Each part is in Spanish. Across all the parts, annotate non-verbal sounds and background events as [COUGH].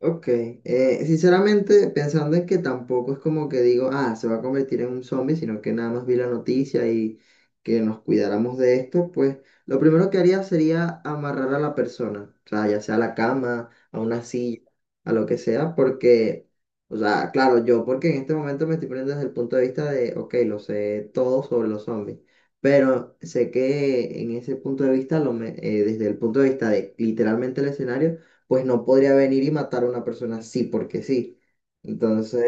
Ok, sinceramente pensando en que tampoco es como que digo, ah, se va a convertir en un zombie, sino que nada más vi la noticia y que nos cuidáramos de esto, pues lo primero que haría sería amarrar a la persona, o sea, ya sea a la cama, a una silla, a lo que sea, porque, o sea, claro, yo porque en este momento me estoy poniendo desde el punto de vista de, ok, lo sé todo sobre los zombies, pero sé que en ese punto de vista, desde el punto de vista de literalmente el escenario, pues no podría venir y matar a una persona así porque sí. Entonces,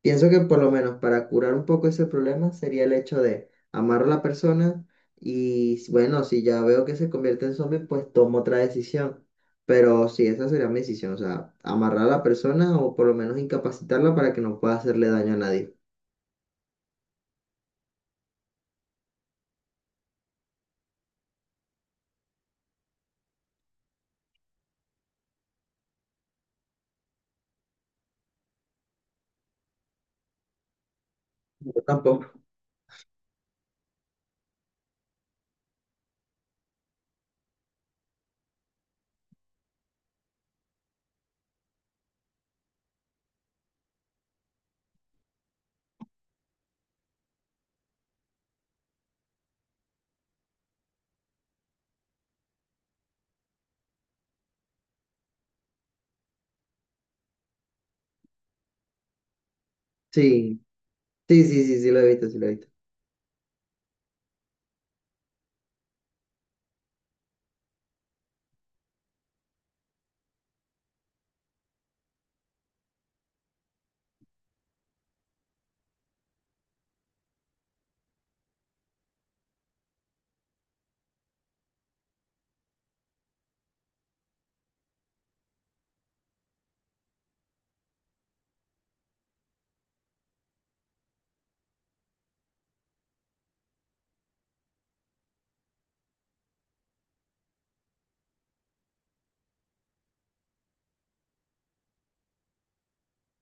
pienso que por lo menos para curar un poco ese problema sería el hecho de amar a la persona y bueno, si ya veo que se convierte en zombie, pues tomo otra decisión. Pero sí, esa sería mi decisión, o sea, amarrar a la persona o por lo menos incapacitarla para que no pueda hacerle daño a nadie. Yo tampoco. Sí, sí, sí, sí, sí lo he visto, sí lo he visto.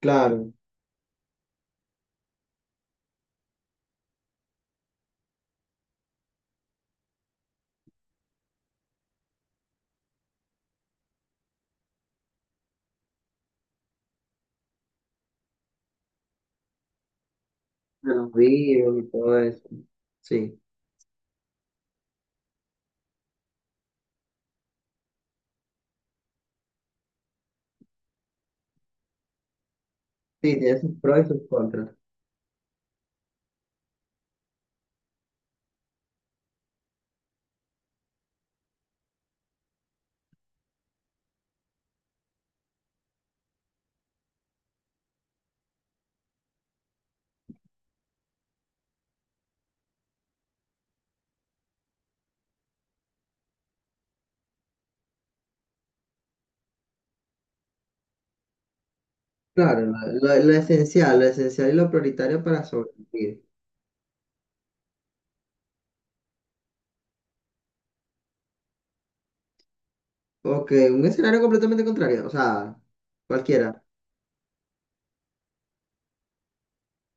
Claro, de los virus y todo eso. Sí, sí, tiene sus pros y sus contras. Claro, lo esencial, lo esencial y lo prioritario para sobrevivir. Ok, un escenario completamente contrario, o sea, cualquiera.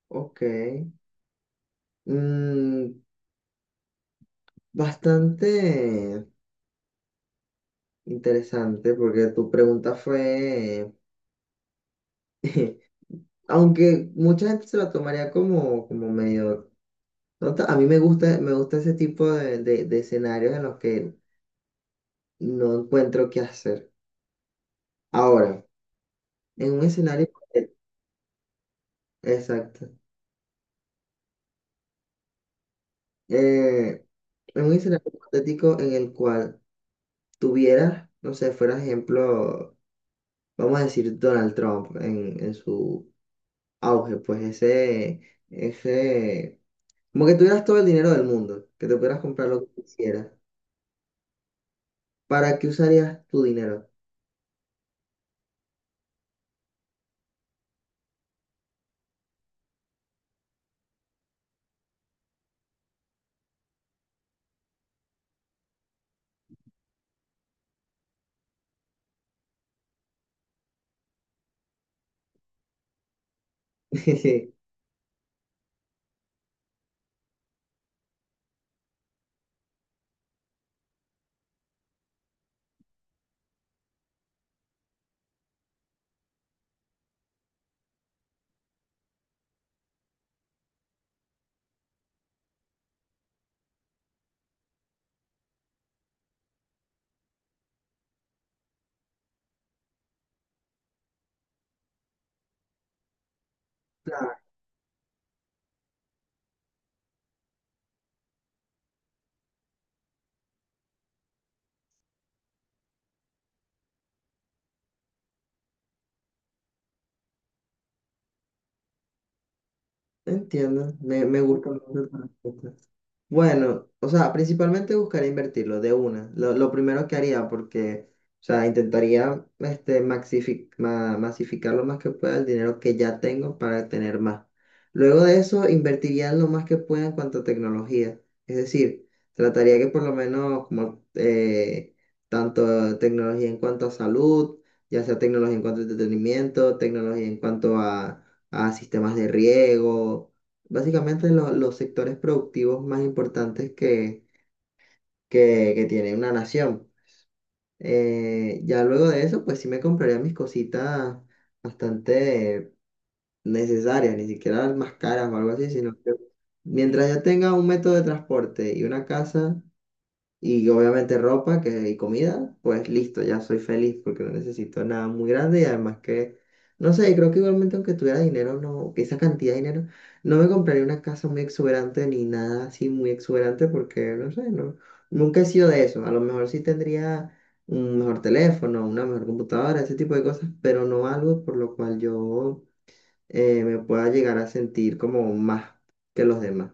Ok. Mm, bastante interesante porque tu pregunta fue, aunque mucha gente se la tomaría como, como medio tonta, a mí me gusta ese tipo de escenarios en los que no encuentro qué hacer. Ahora, en un escenario... Exacto. eh, en un escenario hipotético en el cual tuvieras, no sé, fuera ejemplo, vamos a decir Donald Trump en su auge, pues ese, como que tuvieras todo el dinero del mundo, que te pudieras comprar lo que quisieras. ¿Para qué usarías tu dinero? [LAUGHS] Claro, entiendo, me gusta mucho tu respuesta. Bueno, o sea, principalmente buscaría invertirlo de una, lo primero que haría, porque, o sea, intentaría este, masificar lo más que pueda el dinero que ya tengo para tener más. Luego de eso, invertiría lo más que pueda en cuanto a tecnología, es decir, trataría que por lo menos como tanto tecnología en cuanto a salud, ya sea tecnología en cuanto a entretenimiento, tecnología en cuanto a sistemas de riego básicamente los sectores productivos más importantes que tiene una nación. Ya luego de eso, pues sí me compraría mis cositas bastante necesarias, ni siquiera las más caras o algo así, sino que mientras ya tenga un método de transporte y una casa, y obviamente ropa que, y comida, pues listo, ya soy feliz porque no necesito nada muy grande y además que, no sé, creo que igualmente aunque tuviera dinero, no, que esa cantidad de dinero, no me compraría una casa muy exuberante ni nada así muy exuberante porque, no sé, no, nunca he sido de eso. A lo mejor sí tendría un mejor teléfono, una mejor computadora, ese tipo de cosas, pero no algo por lo cual yo me pueda llegar a sentir como más que los demás.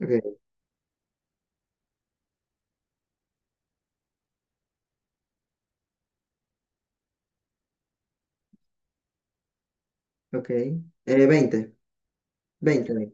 Ok, ok. Veinte 20.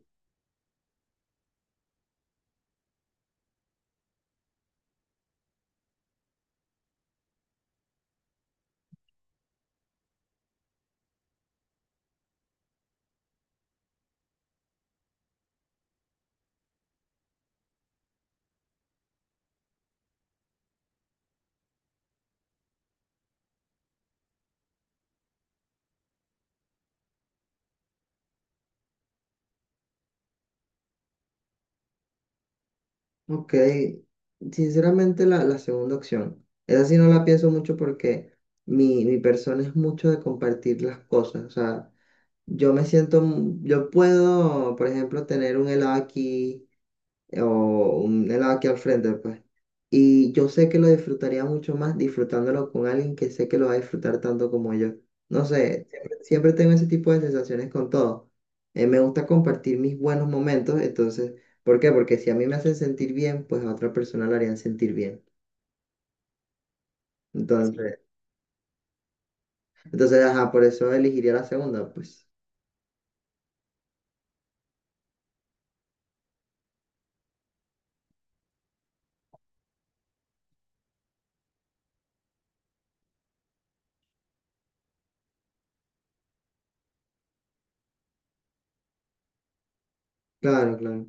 Ok, sinceramente la, la segunda opción. Esa sí no la pienso mucho porque mi persona es mucho de compartir las cosas. O sea, yo me siento, mu- yo puedo, por ejemplo, tener un helado aquí o un helado aquí al frente, pues. Y yo sé que lo disfrutaría mucho más disfrutándolo con alguien que sé que lo va a disfrutar tanto como yo. No sé, siempre, siempre tengo ese tipo de sensaciones con todo. Me gusta compartir mis buenos momentos, entonces, ¿por qué? Porque si a mí me hacen sentir bien, pues a otra persona la harían sentir bien. Entonces, entonces, ajá, por eso elegiría la segunda, pues. Claro, claro.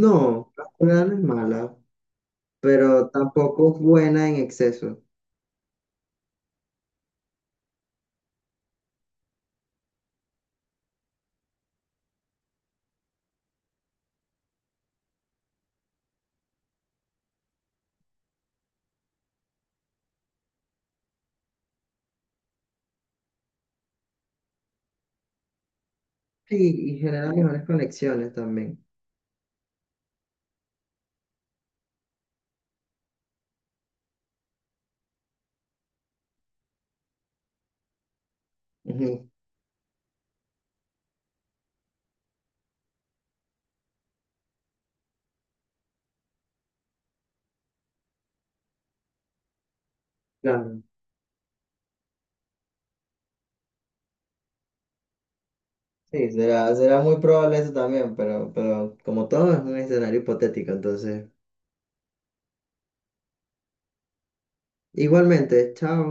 No, la cura no es mala, pero tampoco es buena en exceso. Sí, y genera mejores conexiones también. Ujú, claro. Sí, será, será muy probable eso también, pero como todo es un escenario hipotético, entonces. Igualmente, chao.